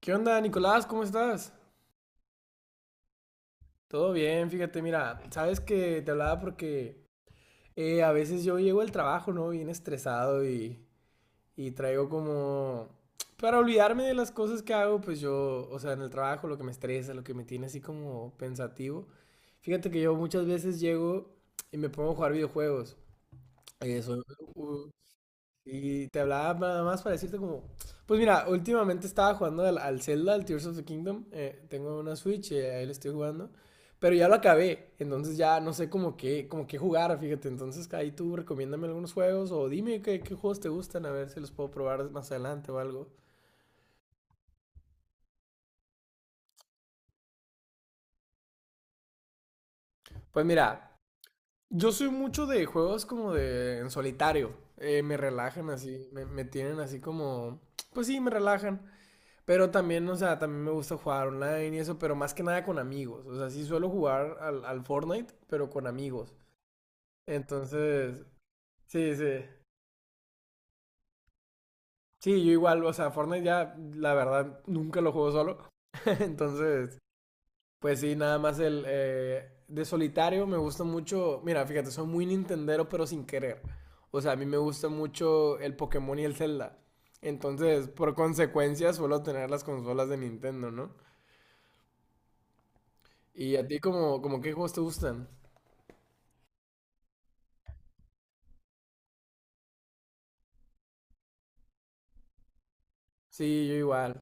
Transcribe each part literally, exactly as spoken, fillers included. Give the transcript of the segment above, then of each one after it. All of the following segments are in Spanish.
¿Qué onda, Nicolás? ¿Cómo estás? Todo bien, fíjate, mira, sabes que te hablaba porque eh, a veces yo llego al trabajo, ¿no? Bien estresado y, y traigo como... Para olvidarme de las cosas que hago, pues yo, o sea, en el trabajo, lo que me estresa, lo que me tiene así como pensativo. Fíjate que yo muchas veces llego y me pongo a jugar videojuegos. Eso. Y te hablaba nada más para decirte como, pues mira, últimamente estaba jugando al, al Zelda, al Tears of the Kingdom. Eh, tengo una Switch y ahí lo estoy jugando, pero ya lo acabé. Entonces ya no sé como qué, como qué jugar, fíjate. Entonces ahí tú recomiéndame algunos juegos o dime qué, qué juegos te gustan, a ver si los puedo probar más adelante o algo. Pues mira, yo soy mucho de juegos como de en solitario. Eh, me relajan así, me, me tienen así como, pues sí, me relajan. Pero también, o sea, también me gusta jugar online y eso, pero más que nada con amigos. O sea, sí suelo jugar al, al Fortnite, pero con amigos. Entonces, sí, sí. Sí, yo igual, o sea, Fortnite ya, la verdad, nunca lo juego solo. Entonces, pues sí, nada más el eh, de solitario me gusta mucho. Mira, fíjate, soy muy Nintendero, pero sin querer. O sea, a mí me gusta mucho el Pokémon y el Zelda. Entonces, por consecuencia, suelo tener las consolas de Nintendo, ¿no? ¿Y a ti como, como qué juegos te gustan? Sí, yo igual.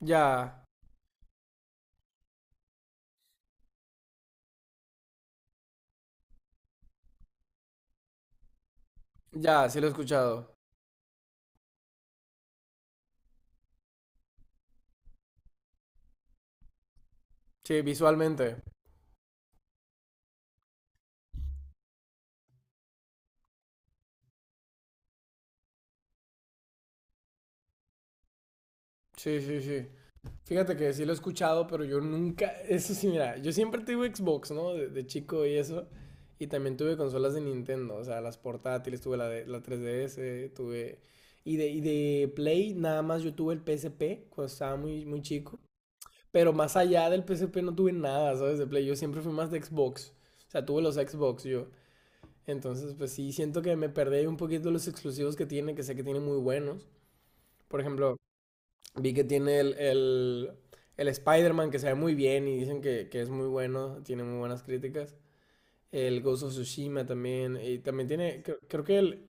Ya, ya, sí lo he escuchado. Sí, visualmente. Sí, sí, sí. Fíjate que sí lo he escuchado, pero yo nunca, eso sí, mira, yo siempre tuve Xbox, ¿no? De, de chico y eso. Y también tuve consolas de Nintendo, o sea, las portátiles, tuve la, de, la tres D S, tuve... Y de, y de Play, nada más yo tuve el P S P cuando estaba muy, muy chico. Pero más allá del P S P no tuve nada, ¿sabes? De Play, yo siempre fui más de Xbox. O sea, tuve los Xbox yo. Entonces, pues sí, siento que me perdí un poquito los exclusivos que tiene, que sé que tiene muy buenos. Por ejemplo, vi que tiene el, el, el Spider-Man, que se ve muy bien y dicen que, que es muy bueno, tiene muy buenas críticas. El Ghost of Tsushima también, y también tiene, cre- creo, que el,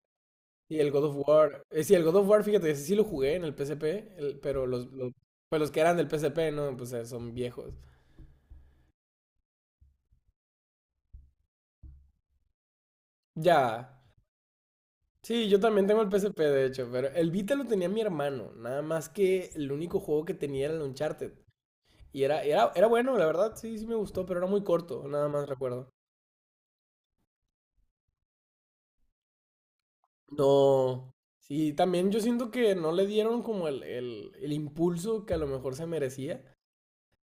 y el God of War. Eh, sí, el God of War, fíjate, ese sí lo jugué en el P S P, el- pero los, los, pues los que eran del P S P, no, pues eh, son viejos. Ya, sí, yo también tengo el P S P de hecho, pero el Vita lo tenía mi hermano, nada más que el único juego que tenía era el Uncharted. Y era, era, era bueno, la verdad. Sí, sí me gustó, pero era muy corto, nada más recuerdo. No, sí, también yo siento que no le dieron como el, el, el impulso que a lo mejor se merecía,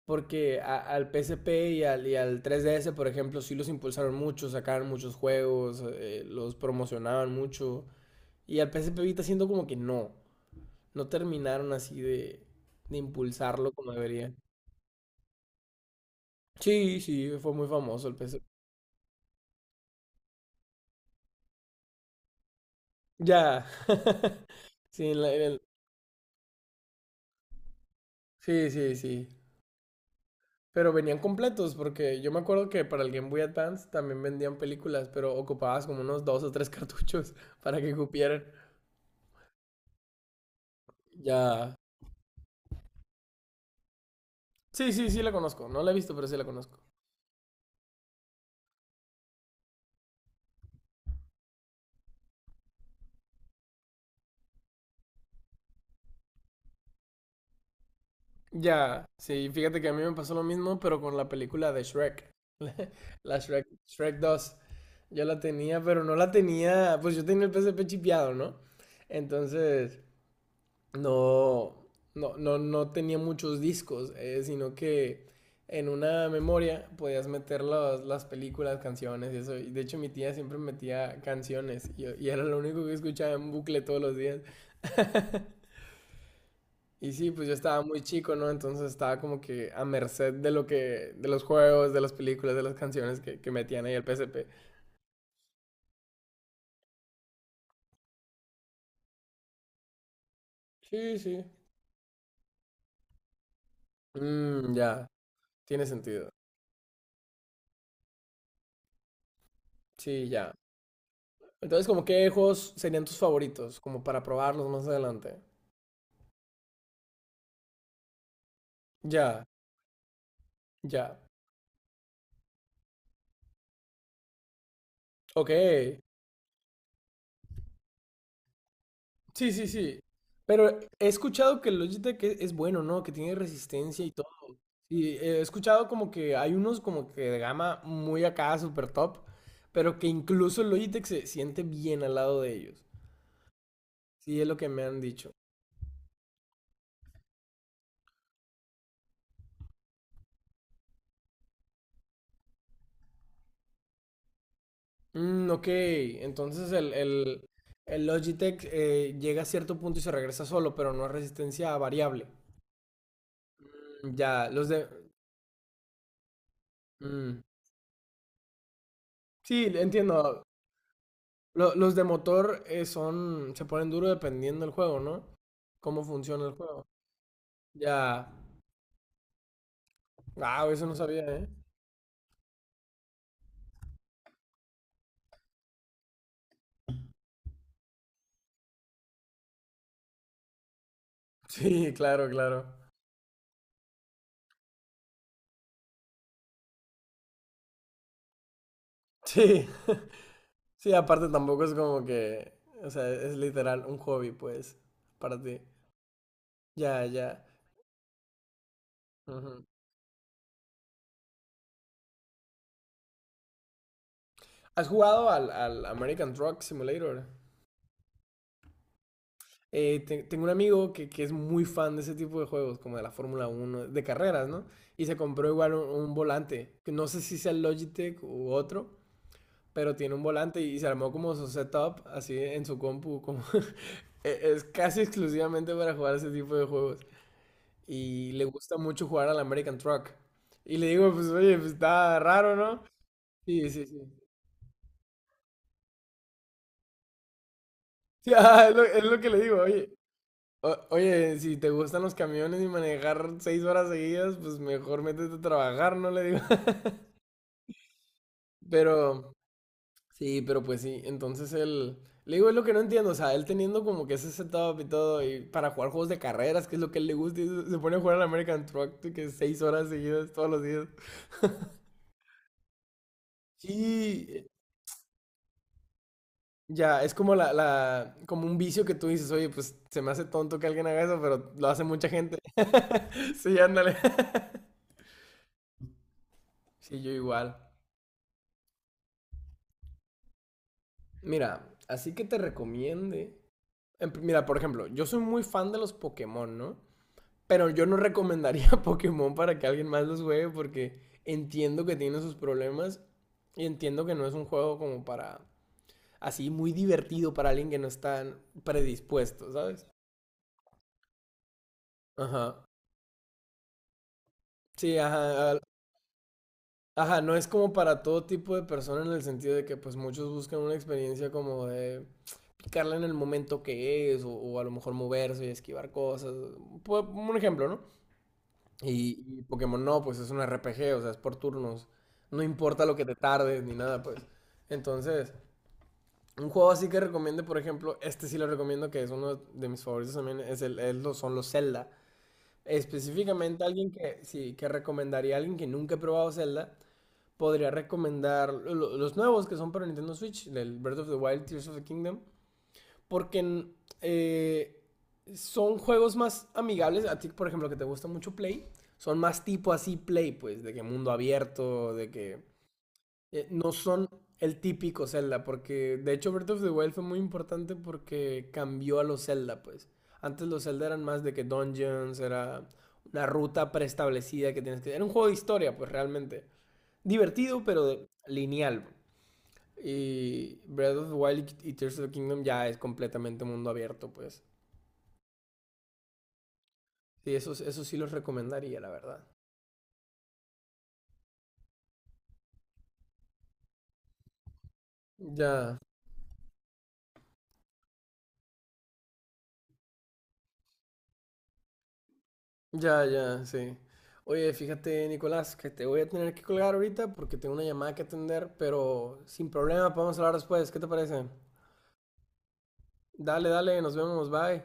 porque a- al P S P y al, y al tres D S, por ejemplo, sí los impulsaron mucho, sacaron muchos juegos, eh, los promocionaban mucho, y al P S P Vita siento como que no. No terminaron así de, de impulsarlo como debería. Sí, sí, fue muy famoso el P S P. Ya. Sí, en la- en el- sí, sí, sí. Pero venían completos porque yo me acuerdo que para el Game Boy Advance también vendían películas, pero ocupabas como unos dos o tres cartuchos para que cupieran. Ya. Sí, sí, sí la conozco. No la he visto, pero sí la conozco. Ya, sí, fíjate que a mí me pasó lo mismo, pero con la película de Shrek. La Shrek, Shrek dos. Yo la tenía, pero no la tenía. Pues yo tenía el P S P chipeado, ¿no? Entonces, no, no, no, no tenía muchos discos, eh, sino que en una memoria podías meter las, las películas, canciones y eso. Y de hecho, mi tía siempre metía canciones y, y era lo único que escuchaba en bucle todos los días. Y sí, pues yo estaba muy chico, ¿no? Entonces estaba como que a merced de lo que, de los juegos, de las películas, de las canciones que, que metían ahí el P S P. Sí, sí. Mm, ya, tiene sentido. Sí, ya. Entonces, como qué juegos serían tus favoritos, como para probarlos más adelante. Ya, ya. Ok. Sí, sí, sí. Pero he escuchado que el Logitech es es bueno, ¿no? Que tiene resistencia y sí, he escuchado como que hay unos como que de gama muy acá, super top, pero que incluso el Logitech se siente bien al lado de ellos. Sí, es lo que me han dicho. Mm, ok, entonces el, el- el Logitech eh, llega a cierto punto y se regresa solo, pero no es resistencia variable. Mm, ya, los de... mm, sí, entiendo. Lo- los de motor eh, son... se ponen duro dependiendo del juego, ¿no? Cómo funciona el juego. Ya. Wow, eso no sabía, ¿eh? Sí, claro, claro. Sí, sí, aparte tampoco es como que, o sea, es literal un hobby, pues, para ti. Ya, ya. Ujú. ¿Has jugado al, al American Truck Simulator? Eh, te- tengo un amigo que, que es muy fan de ese tipo de juegos, como de la Fórmula Uno, de carreras, ¿no? Y se compró igual un, un volante, que no sé si sea el Logitech u otro, pero tiene un volante y se armó como su setup así en su compu, como... e- Es casi exclusivamente para jugar ese tipo de juegos. Y le gusta mucho jugar al American Truck. Y le digo, pues oye, pues está raro, ¿no? Sí, sí, sí. Sí, ah, es lo, es lo que le digo, oye. O- oye, si te gustan los camiones y manejar seis horas seguidas, pues mejor métete a trabajar, ¿no? Le digo. Pero, sí, pero pues sí. Entonces él, le digo, es lo que no entiendo. O sea, él teniendo como que ese setup y todo, y para jugar juegos de carreras, que es lo que a él le gusta, y se se pone a jugar al American Truck, de que seis horas seguidas todos los días. Sí, ya, es como la, la, como un vicio que tú dices, oye, pues se me hace tonto que alguien haga eso, pero lo hace mucha gente. Sí, ándale. Sí, yo igual. Mira, así que te recomiende. En Mira, por ejemplo, yo soy muy fan de los Pokémon, ¿no? Pero yo no recomendaría Pokémon para que alguien más los juegue porque entiendo que tiene sus problemas y entiendo que no es un juego como para así muy divertido para alguien que no está predispuesto, ¿sabes? Ajá. Sí, ajá, ajá, no es como para todo tipo de persona en el sentido de que pues muchos buscan una experiencia como de picarla en el momento que es o, o a lo mejor moverse y esquivar cosas. Pu- Un ejemplo, ¿no? Y, y Pokémon no, pues es un R P G, o sea, es por turnos. No importa lo que te tardes ni nada, pues. Entonces, un juego así que recomiende, por ejemplo, este sí lo recomiendo que es uno de mis favoritos también, es el, es los- son los Zelda. Específicamente alguien que sí, que recomendaría a alguien que nunca ha probado Zelda podría recomendar los nuevos que son para Nintendo Switch, el Breath of the Wild, Tears of the Kingdom, porque eh, son juegos más amigables. A ti, por ejemplo, que te gusta mucho Play, son más tipo así Play, pues, de que mundo abierto, de que eh, no son el típico Zelda, porque de hecho Breath of the Wild fue muy importante porque cambió a los Zelda, pues. Antes los Zelda eran más de que dungeons, era una ruta preestablecida que tienes que... Era un juego de historia, pues realmente divertido, pero lineal. Y Breath of the Wild y Tears of the Kingdom ya es completamente mundo abierto, pues. Sí, eso, eso sí los recomendaría, la verdad. Ya, ya, ya, sí. Oye, fíjate, Nicolás, que te voy a tener que colgar ahorita porque tengo una llamada que atender, pero sin problema, podemos hablar después. ¿Qué te parece? Dale, dale, nos vemos, bye.